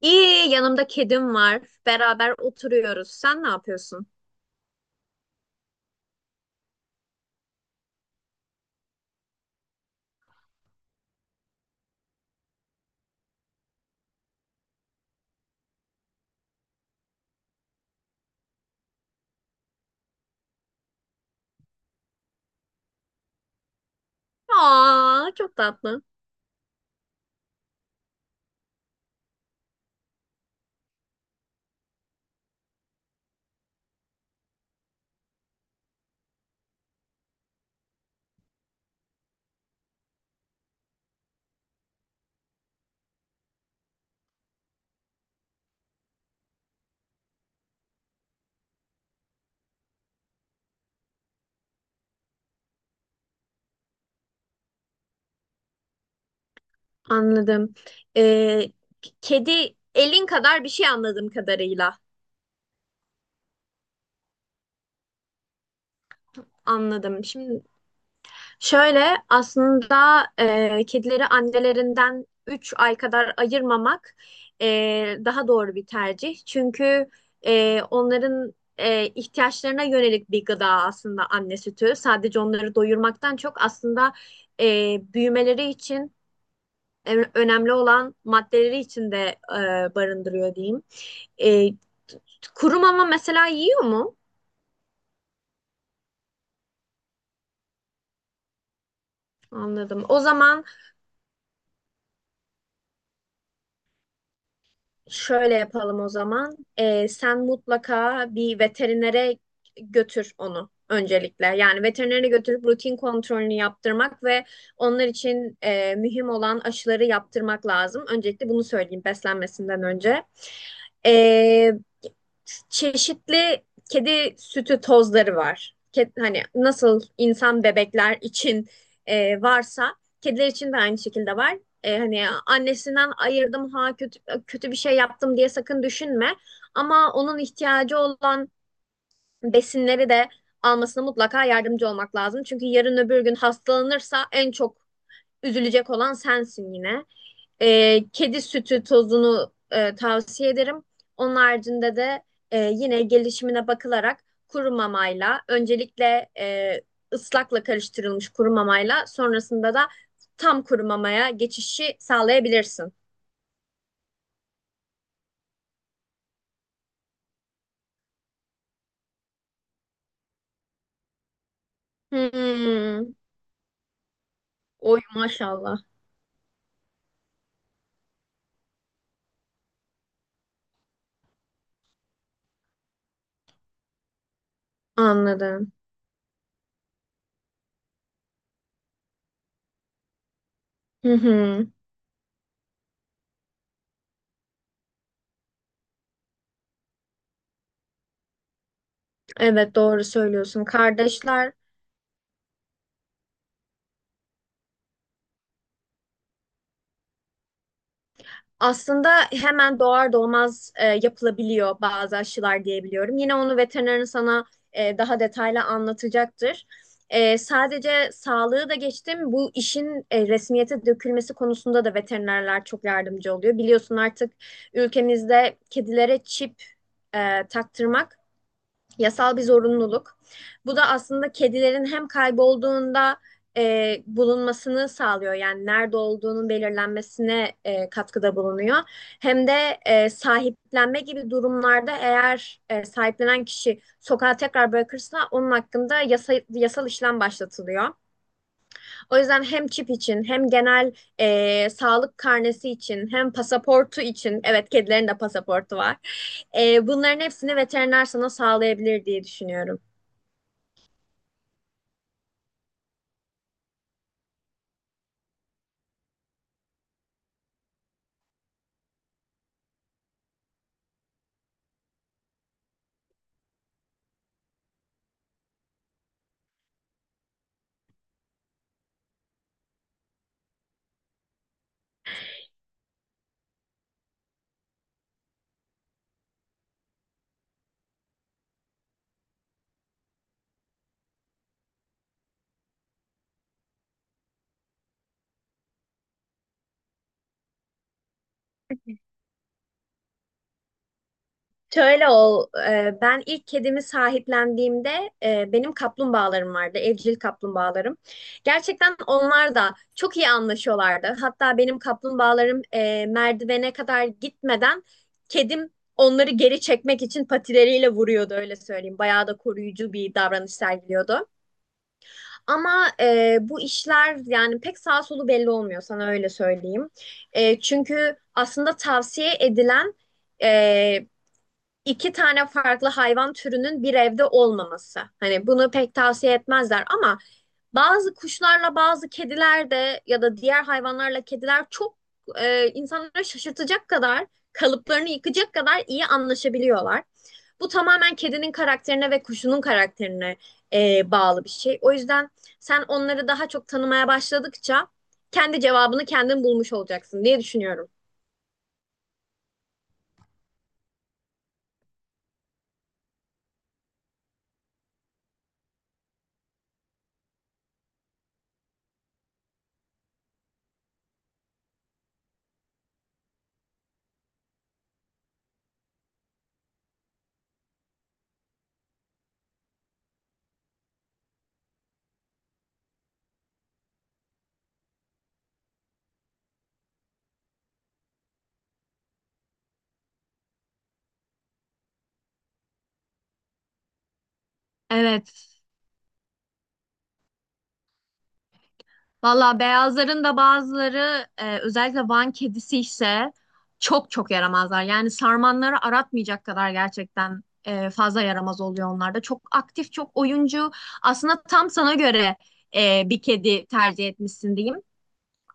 İyi, yanımda kedim var. Beraber oturuyoruz. Sen ne yapıyorsun? Aa, çok tatlı. Anladım. Ee, kedi elin kadar bir şey anladığım kadarıyla. Anladım. Şimdi şöyle, aslında kedileri annelerinden 3 ay kadar ayırmamak daha doğru bir tercih. Çünkü onların ihtiyaçlarına yönelik bir gıda aslında anne sütü. Sadece onları doyurmaktan çok aslında büyümeleri için önemli olan maddeleri içinde barındırıyor diyeyim. E, kuru mama mesela yiyor mu? Anladım. O zaman şöyle yapalım o zaman. Sen mutlaka bir veterinere götür onu öncelikle. Yani veterinere götürüp rutin kontrolünü yaptırmak ve onlar için mühim olan aşıları yaptırmak lazım. Öncelikle bunu söyleyeyim beslenmesinden önce. Ee, çeşitli kedi sütü tozları var. Hani nasıl insan bebekler için varsa kediler için de aynı şekilde var. Hani annesinden ayırdım ha, kötü kötü bir şey yaptım diye sakın düşünme. Ama onun ihtiyacı olan besinleri de almasına mutlaka yardımcı olmak lazım. Çünkü yarın öbür gün hastalanırsa en çok üzülecek olan sensin yine. Kedi sütü tozunu tavsiye ederim. Onun haricinde de yine gelişimine bakılarak kuru mamayla öncelikle, ıslakla karıştırılmış kuru mamayla, sonrasında da tam kuru mamaya geçişi sağlayabilirsin. Hmm. Oy maşallah. Anladım. Hı hı. Evet, doğru söylüyorsun. Kardeşler. Aslında hemen doğar doğmaz yapılabiliyor bazı aşılar diyebiliyorum. Yine onu veterinerin sana daha detaylı anlatacaktır. Sadece sağlığı da geçtim. Bu işin resmiyete dökülmesi konusunda da veterinerler çok yardımcı oluyor. Biliyorsun, artık ülkemizde kedilere çip taktırmak yasal bir zorunluluk. Bu da aslında kedilerin hem kaybolduğunda bulunmasını sağlıyor. Yani nerede olduğunun belirlenmesine katkıda bulunuyor. Hem de sahiplenme gibi durumlarda, eğer sahiplenen kişi sokağa tekrar bırakırsa onun hakkında yasal işlem başlatılıyor. O yüzden hem çip için, hem genel sağlık karnesi için, hem pasaportu için, evet, kedilerin de pasaportu var. Bunların hepsini veteriner sana sağlayabilir diye düşünüyorum. Şöyle, ben ilk kedimi sahiplendiğimde benim kaplumbağalarım vardı, evcil kaplumbağalarım. Gerçekten onlar da çok iyi anlaşıyorlardı. Hatta benim kaplumbağalarım merdivene kadar gitmeden kedim onları geri çekmek için patileriyle vuruyordu, öyle söyleyeyim. Bayağı da koruyucu bir davranış sergiliyordu. Ama bu işler yani pek sağ solu belli olmuyor sana, öyle söyleyeyim. Çünkü aslında tavsiye edilen... E, iki tane farklı hayvan türünün bir evde olmaması. Hani bunu pek tavsiye etmezler, ama bazı kuşlarla bazı kediler de, ya da diğer hayvanlarla kediler çok insanları şaşırtacak kadar, kalıplarını yıkacak kadar iyi anlaşabiliyorlar. Bu tamamen kedinin karakterine ve kuşunun karakterine bağlı bir şey. O yüzden sen onları daha çok tanımaya başladıkça kendi cevabını kendin bulmuş olacaksın diye düşünüyorum. Evet. Valla beyazların da bazıları, özellikle Van kedisi ise çok çok yaramazlar. Yani sarmanları aratmayacak kadar gerçekten fazla yaramaz oluyor onlar da. Çok aktif, çok oyuncu. Aslında tam sana göre bir kedi tercih etmişsin diyeyim.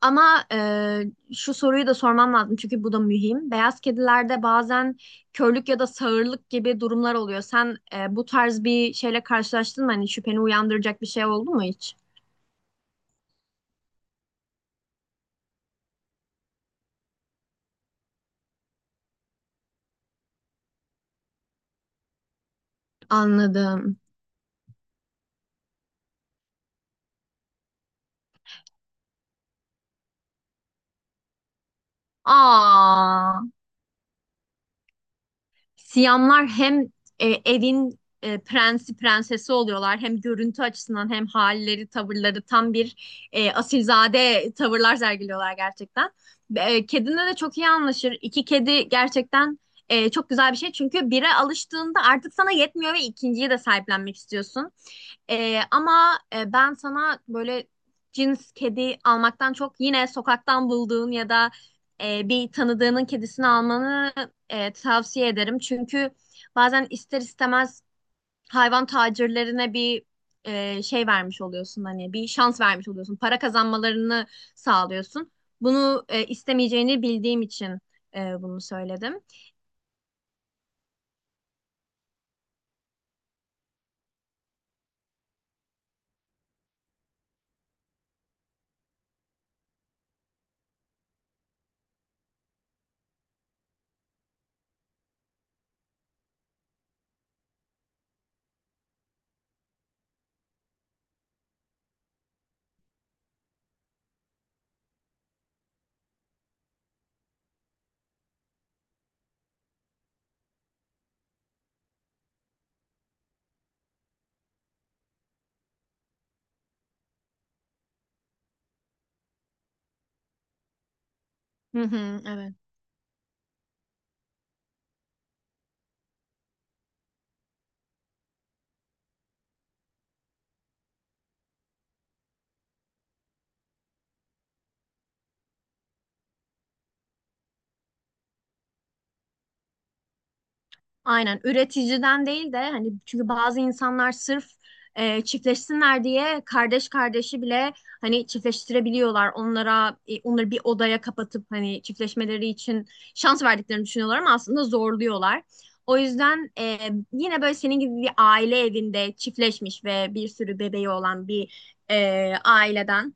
Ama şu soruyu da sormam lazım, çünkü bu da mühim. Beyaz kedilerde bazen körlük ya da sağırlık gibi durumlar oluyor. Sen bu tarz bir şeyle karşılaştın mı? Hani şüpheni uyandıracak bir şey oldu mu hiç? Anladım. Aa. Siyamlar hem evin prensi prensesi oluyorlar, hem görüntü açısından hem halleri tavırları tam bir asilzade tavırlar sergiliyorlar gerçekten. Kedinle de çok iyi anlaşır. İki kedi gerçekten çok güzel bir şey, çünkü bire alıştığında artık sana yetmiyor ve ikinciyi de sahiplenmek istiyorsun. Ama ben sana böyle cins kedi almaktan çok yine sokaktan bulduğun ya da bir tanıdığının kedisini almanı tavsiye ederim. Çünkü bazen ister istemez hayvan tacirlerine bir şey vermiş oluyorsun, hani bir şans vermiş oluyorsun. Para kazanmalarını sağlıyorsun. Bunu istemeyeceğini bildiğim için bunu söyledim. Hı hı, evet. Aynen, üreticiden değil de hani, çünkü bazı insanlar sırf çiftleşsinler diye kardeş kardeşi bile hani çiftleştirebiliyorlar. Onlara onları bir odaya kapatıp hani çiftleşmeleri için şans verdiklerini düşünüyorlar, ama aslında zorluyorlar. O yüzden yine böyle senin gibi bir aile evinde çiftleşmiş ve bir sürü bebeği olan bir aileden,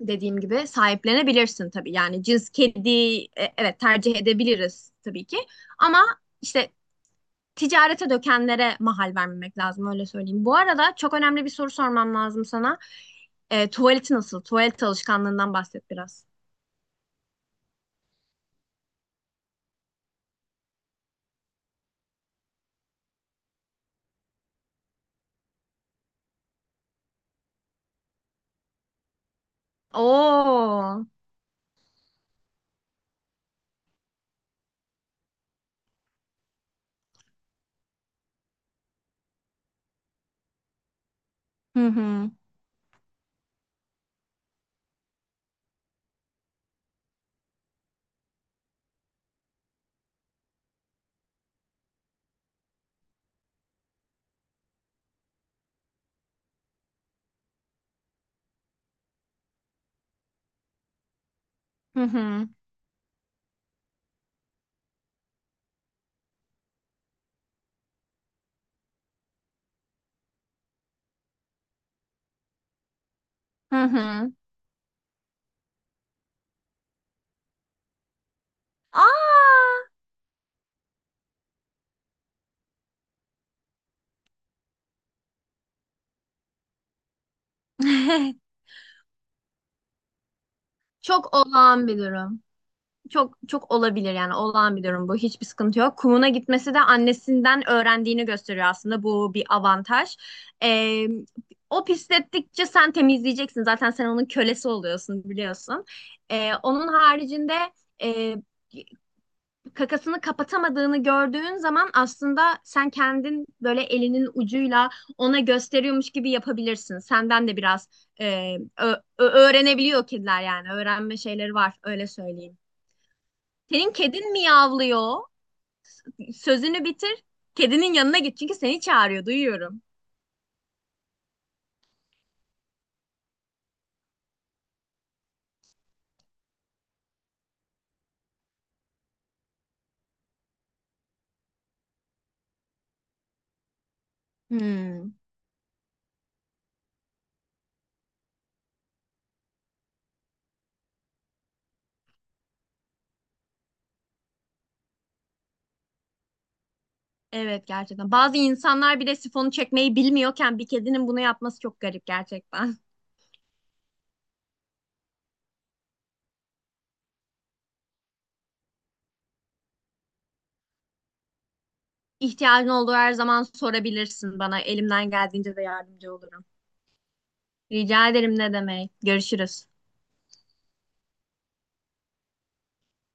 dediğim gibi, sahiplenebilirsin tabii. Yani cins kedi e, evet, tercih edebiliriz tabii ki, ama işte ticarete dökenlere mahal vermemek lazım, öyle söyleyeyim. Bu arada çok önemli bir soru sormam lazım sana. Tuvaleti nasıl? Tuvalet alışkanlığından bahset biraz. Oo. Hı hı. Hı hı. Hı hı. Aa! Çok olağan bir durum. Çok çok olabilir yani, olağan bir durum bu. Hiçbir sıkıntı yok. Kumuna gitmesi de annesinden öğrendiğini gösteriyor aslında. Bu bir avantaj. Ee, o pislettikçe sen temizleyeceksin. Zaten sen onun kölesi oluyorsun, biliyorsun. Onun haricinde e, kakasını kapatamadığını gördüğün zaman aslında sen kendin böyle elinin ucuyla ona gösteriyormuş gibi yapabilirsin. Senden de biraz öğrenebiliyor kediler yani. Öğrenme şeyleri var, öyle söyleyeyim. Senin kedin miyavlıyor. Sözünü bitir. Kedinin yanına git, çünkü seni çağırıyor, duyuyorum. Hmm. Evet, gerçekten. Bazı insanlar bile sifonu çekmeyi bilmiyorken bir kedinin bunu yapması çok garip gerçekten. İhtiyacın olduğu her zaman sorabilirsin bana. Elimden geldiğince de yardımcı olurum. Rica ederim, ne demek. Görüşürüz.